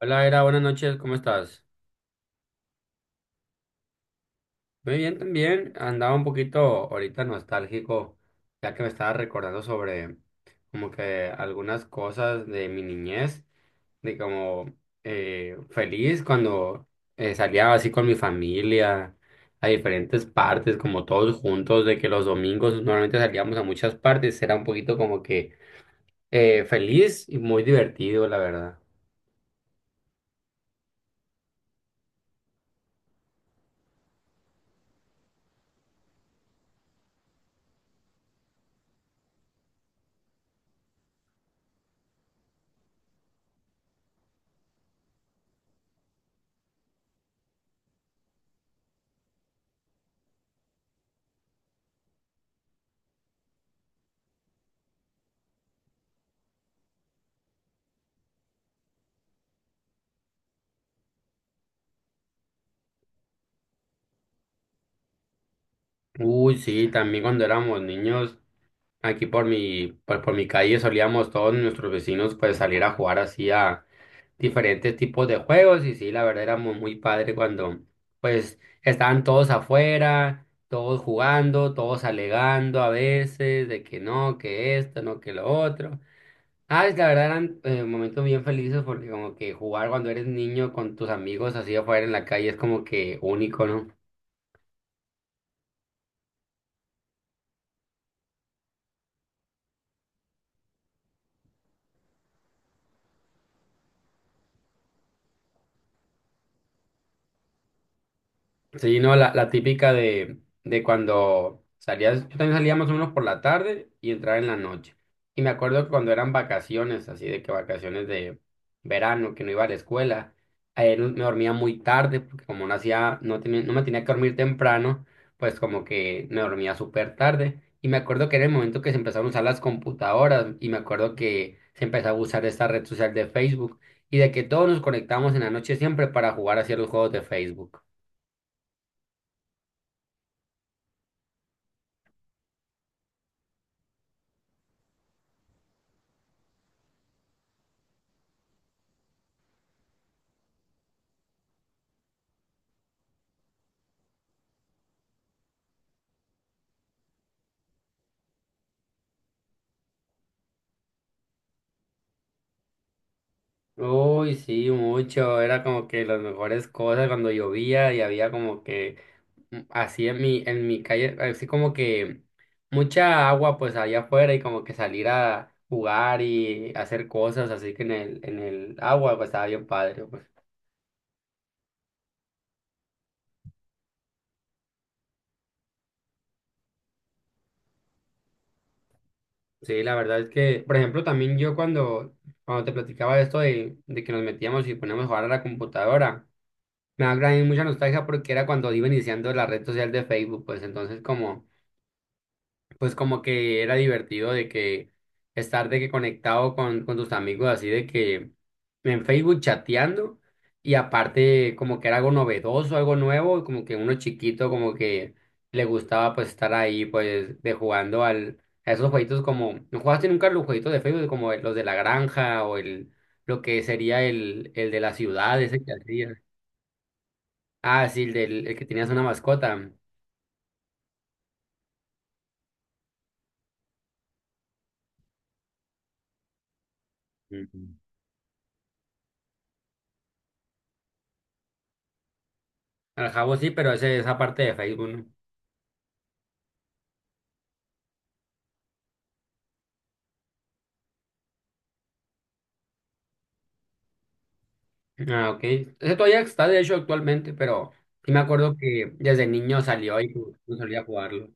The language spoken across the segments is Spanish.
Hola, Era, buenas noches, ¿cómo estás? Muy bien también, andaba un poquito ahorita nostálgico, ya que me estaba recordando sobre como que algunas cosas de mi niñez, de como feliz cuando salía así con mi familia a diferentes partes, como todos juntos, de que los domingos normalmente salíamos a muchas partes, era un poquito como que feliz y muy divertido, la verdad. Uy, sí, también cuando éramos niños. Aquí por mi calle solíamos todos nuestros vecinos pues salir a jugar así a diferentes tipos de juegos y sí, la verdad era muy padre cuando pues estaban todos afuera, todos jugando, todos alegando a veces de que no, que esto, no, que lo otro. Ah, la verdad eran momentos bien felices porque como que jugar cuando eres niño con tus amigos así afuera en la calle es como que único, ¿no? Sí, no, la típica de cuando salías, yo también salía más o menos por la tarde y entraba en la noche. Y me acuerdo que cuando eran vacaciones, así de que vacaciones de verano, que no iba a la escuela, me dormía muy tarde, porque como no hacía, no tenía, no me tenía que dormir temprano, pues como que me dormía súper tarde. Y me acuerdo que era el momento que se empezaron a usar las computadoras, y me acuerdo que se empezaba a usar esta red social de Facebook, y de que todos nos conectábamos en la noche siempre para jugar hacia los juegos de Facebook. Uy, sí, mucho. Era como que las mejores cosas cuando llovía y había como que así en en mi calle, así como que mucha agua pues allá afuera y como que salir a jugar y hacer cosas así que en en el agua pues estaba bien padre, pues. Sí, la verdad es que, por ejemplo, también yo cuando te platicaba de esto de que nos metíamos y poníamos a jugar a la computadora, me da mucha nostalgia porque era cuando iba iniciando la red social de Facebook, pues entonces como pues como que era divertido de que estar de que conectado con tus amigos así de que en Facebook chateando y aparte como que era algo novedoso, algo nuevo, como que uno chiquito como que le gustaba pues estar ahí pues de jugando al a esos jueguitos como no jugaste nunca los jueguitos de Facebook como los de la granja o el lo que sería el de la ciudad ese que hacía. Ah, sí, el del el que tenías una mascota. Ujú. Al jabo sí, pero ese esa parte de Facebook, ¿no? Ah, ok. Ese todavía está, de hecho, actualmente, pero sí me acuerdo que desde niño salió y no solía jugarlo.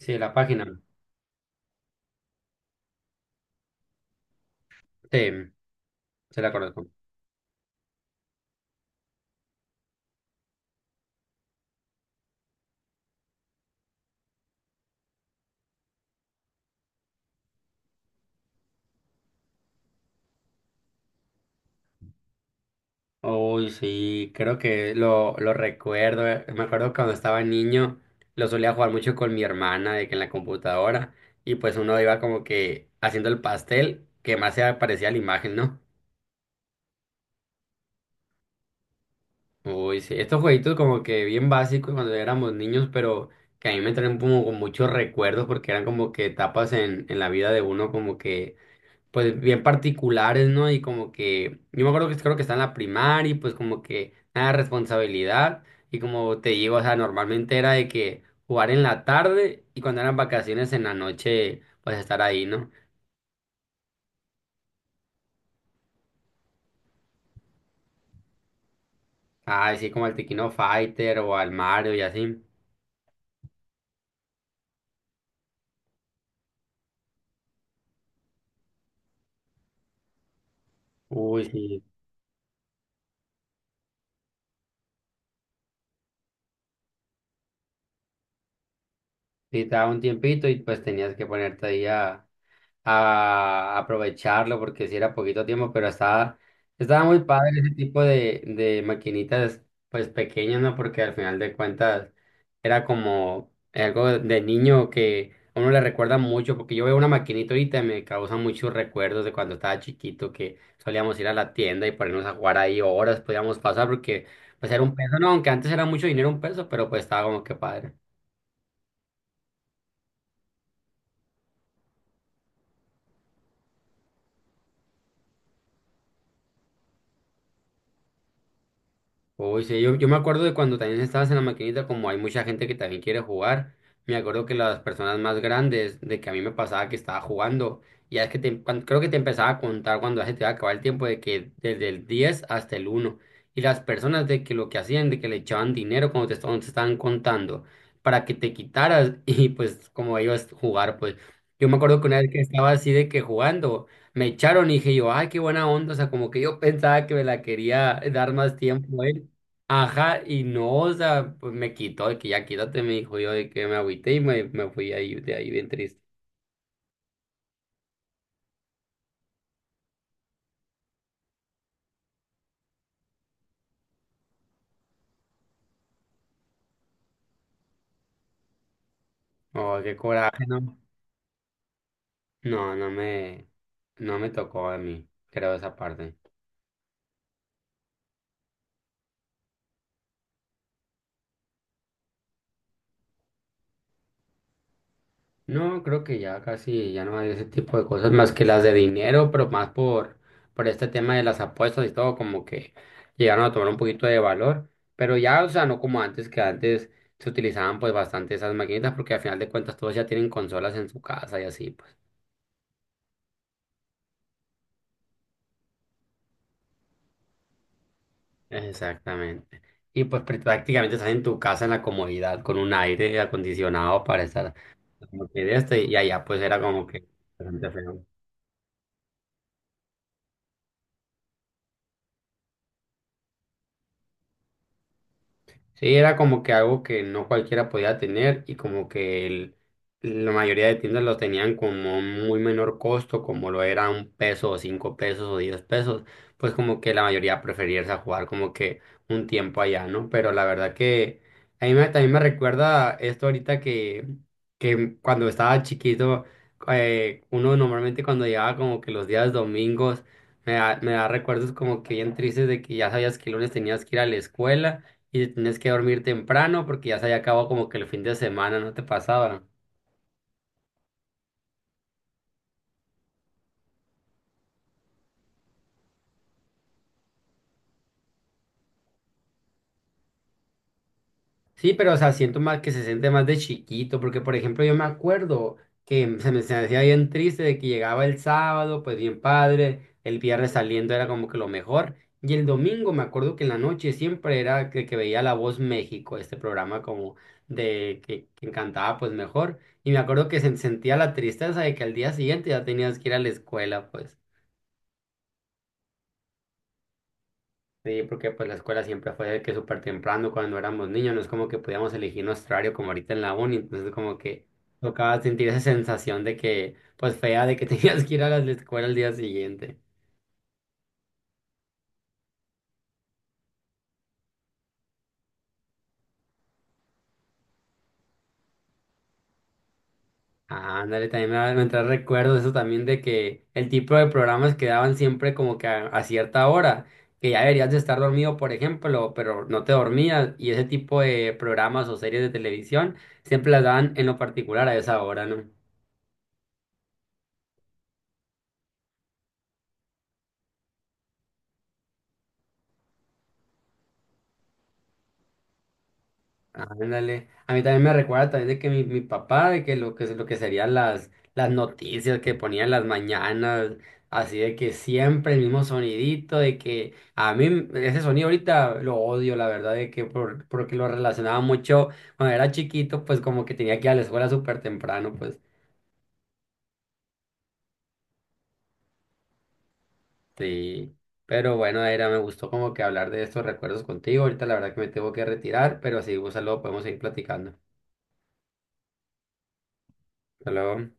Sí, la página. Sí, se la conozco. Uy, sí, creo que lo recuerdo. Eh. Me acuerdo cuando estaba niño, lo solía jugar mucho con mi hermana, de que en la computadora, y pues uno iba como que haciendo el pastel que más se parecía a la imagen, ¿no? Uy, sí, estos jueguitos como que bien básicos cuando éramos niños, pero que a mí me traen como con muchos recuerdos porque eran como que etapas en la vida de uno como que, pues bien particulares, ¿no? Y como que, yo me acuerdo que creo que está en la primaria y pues como que nada de responsabilidad y como te digo, o sea, normalmente era de que jugar en la tarde y cuando eran vacaciones en la noche, pues estar ahí, ¿no? Ah, sí, como al Tequino Fighter o al Mario y así. Uy, sí. Sí, te daba un tiempito y pues tenías que ponerte ahí a aprovecharlo porque si era poquito tiempo, pero estaba muy padre ese tipo de maquinitas pues pequeñas, ¿no? Porque al final de cuentas era como algo de niño que a uno le recuerda mucho, porque yo veo una maquinita ahorita y me causa muchos recuerdos de cuando estaba chiquito que solíamos ir a la tienda y ponernos a jugar ahí horas, podíamos pasar porque pues era un peso, no, aunque antes era mucho dinero un peso, pero pues estaba como que padre. Uy, sí, yo me acuerdo de cuando también estabas en la maquinita, como hay mucha gente que también quiere jugar, me acuerdo que las personas más grandes, de que a mí me pasaba que estaba jugando, y es que te, creo que te empezaba a contar cuando ya se te iba a acabar el tiempo de que desde el 10 hasta el uno y las personas de que lo que hacían, de que le echaban dinero cuando te, cuando te estaban contando, para que te quitaras y pues como ellos jugar, pues yo me acuerdo que una vez que estaba así de que jugando. Me echaron y dije yo, ay, qué buena onda, o sea, como que yo pensaba que me la quería dar más tiempo él. Ajá, y no, o sea, pues me quitó, de que ya quítate, me dijo yo, de que me agüité y me fui ahí, de ahí bien triste. Oh, qué coraje, ¿no? No, no me tocó a mí, creo esa parte. No, creo que ya casi, ya no hay ese tipo de cosas más que las de dinero, pero más por este tema de las apuestas y todo, como que llegaron a tomar un poquito de valor, pero ya, o sea, no como antes, que antes se utilizaban pues bastante esas maquinitas, porque al final de cuentas todos ya tienen consolas en su casa y así, pues. Exactamente. Y pues prácticamente estás en tu casa en la comodidad con un aire acondicionado para estar como que de este y allá pues era como que bastante feo. Sí, era como que algo que no cualquiera podía tener y como que la mayoría de tiendas lo tenían como muy menor costo, como lo era un peso o cinco pesos o diez pesos, pues como que la mayoría prefería irse a jugar como que un tiempo allá, ¿no? Pero la verdad que a mí también me recuerda esto ahorita que cuando estaba chiquito, uno normalmente cuando llegaba como que los días domingos, me da recuerdos como que bien tristes de que ya sabías que el lunes tenías que ir a la escuela y tienes que dormir temprano porque ya se había acabado como que el fin de semana, no te pasaba. Sí, pero o sea, siento más que se siente más de chiquito, porque por ejemplo yo me acuerdo que se me hacía bien triste de que llegaba el sábado, pues bien padre, el viernes saliendo era como que lo mejor, y el domingo me acuerdo que en la noche siempre era que veía La Voz México, este programa como de que encantaba pues mejor, y me acuerdo que se sentía la tristeza de que al día siguiente ya tenías que ir a la escuela, pues. Sí, porque pues la escuela siempre fue de que súper temprano cuando éramos niños, no es como que podíamos elegir nuestro horario como ahorita en la uni, entonces como que tocaba sentir esa sensación de que, pues fea, de que tenías que ir a la escuela al día siguiente. Ah, ándale, también me trae recuerdos eso también de que el tipo de programas que daban siempre como que a cierta hora, que ya deberías de estar dormido, por ejemplo, pero no te dormías, y ese tipo de programas o series de televisión siempre las daban en lo particular a esa hora, ¿no? Ándale. A mí también me recuerda también de que mi papá, de que lo que serían las noticias que ponían las mañanas, así de que siempre el mismo sonidito, de que a mí ese sonido ahorita lo odio, la verdad, de que porque lo relacionaba mucho cuando era chiquito, pues como que tenía que ir a la escuela súper temprano, pues sí. Pero bueno, me gustó como que hablar de estos recuerdos contigo. Ahorita la verdad que me tengo que retirar, pero sí, un luego podemos seguir platicando. Hasta luego.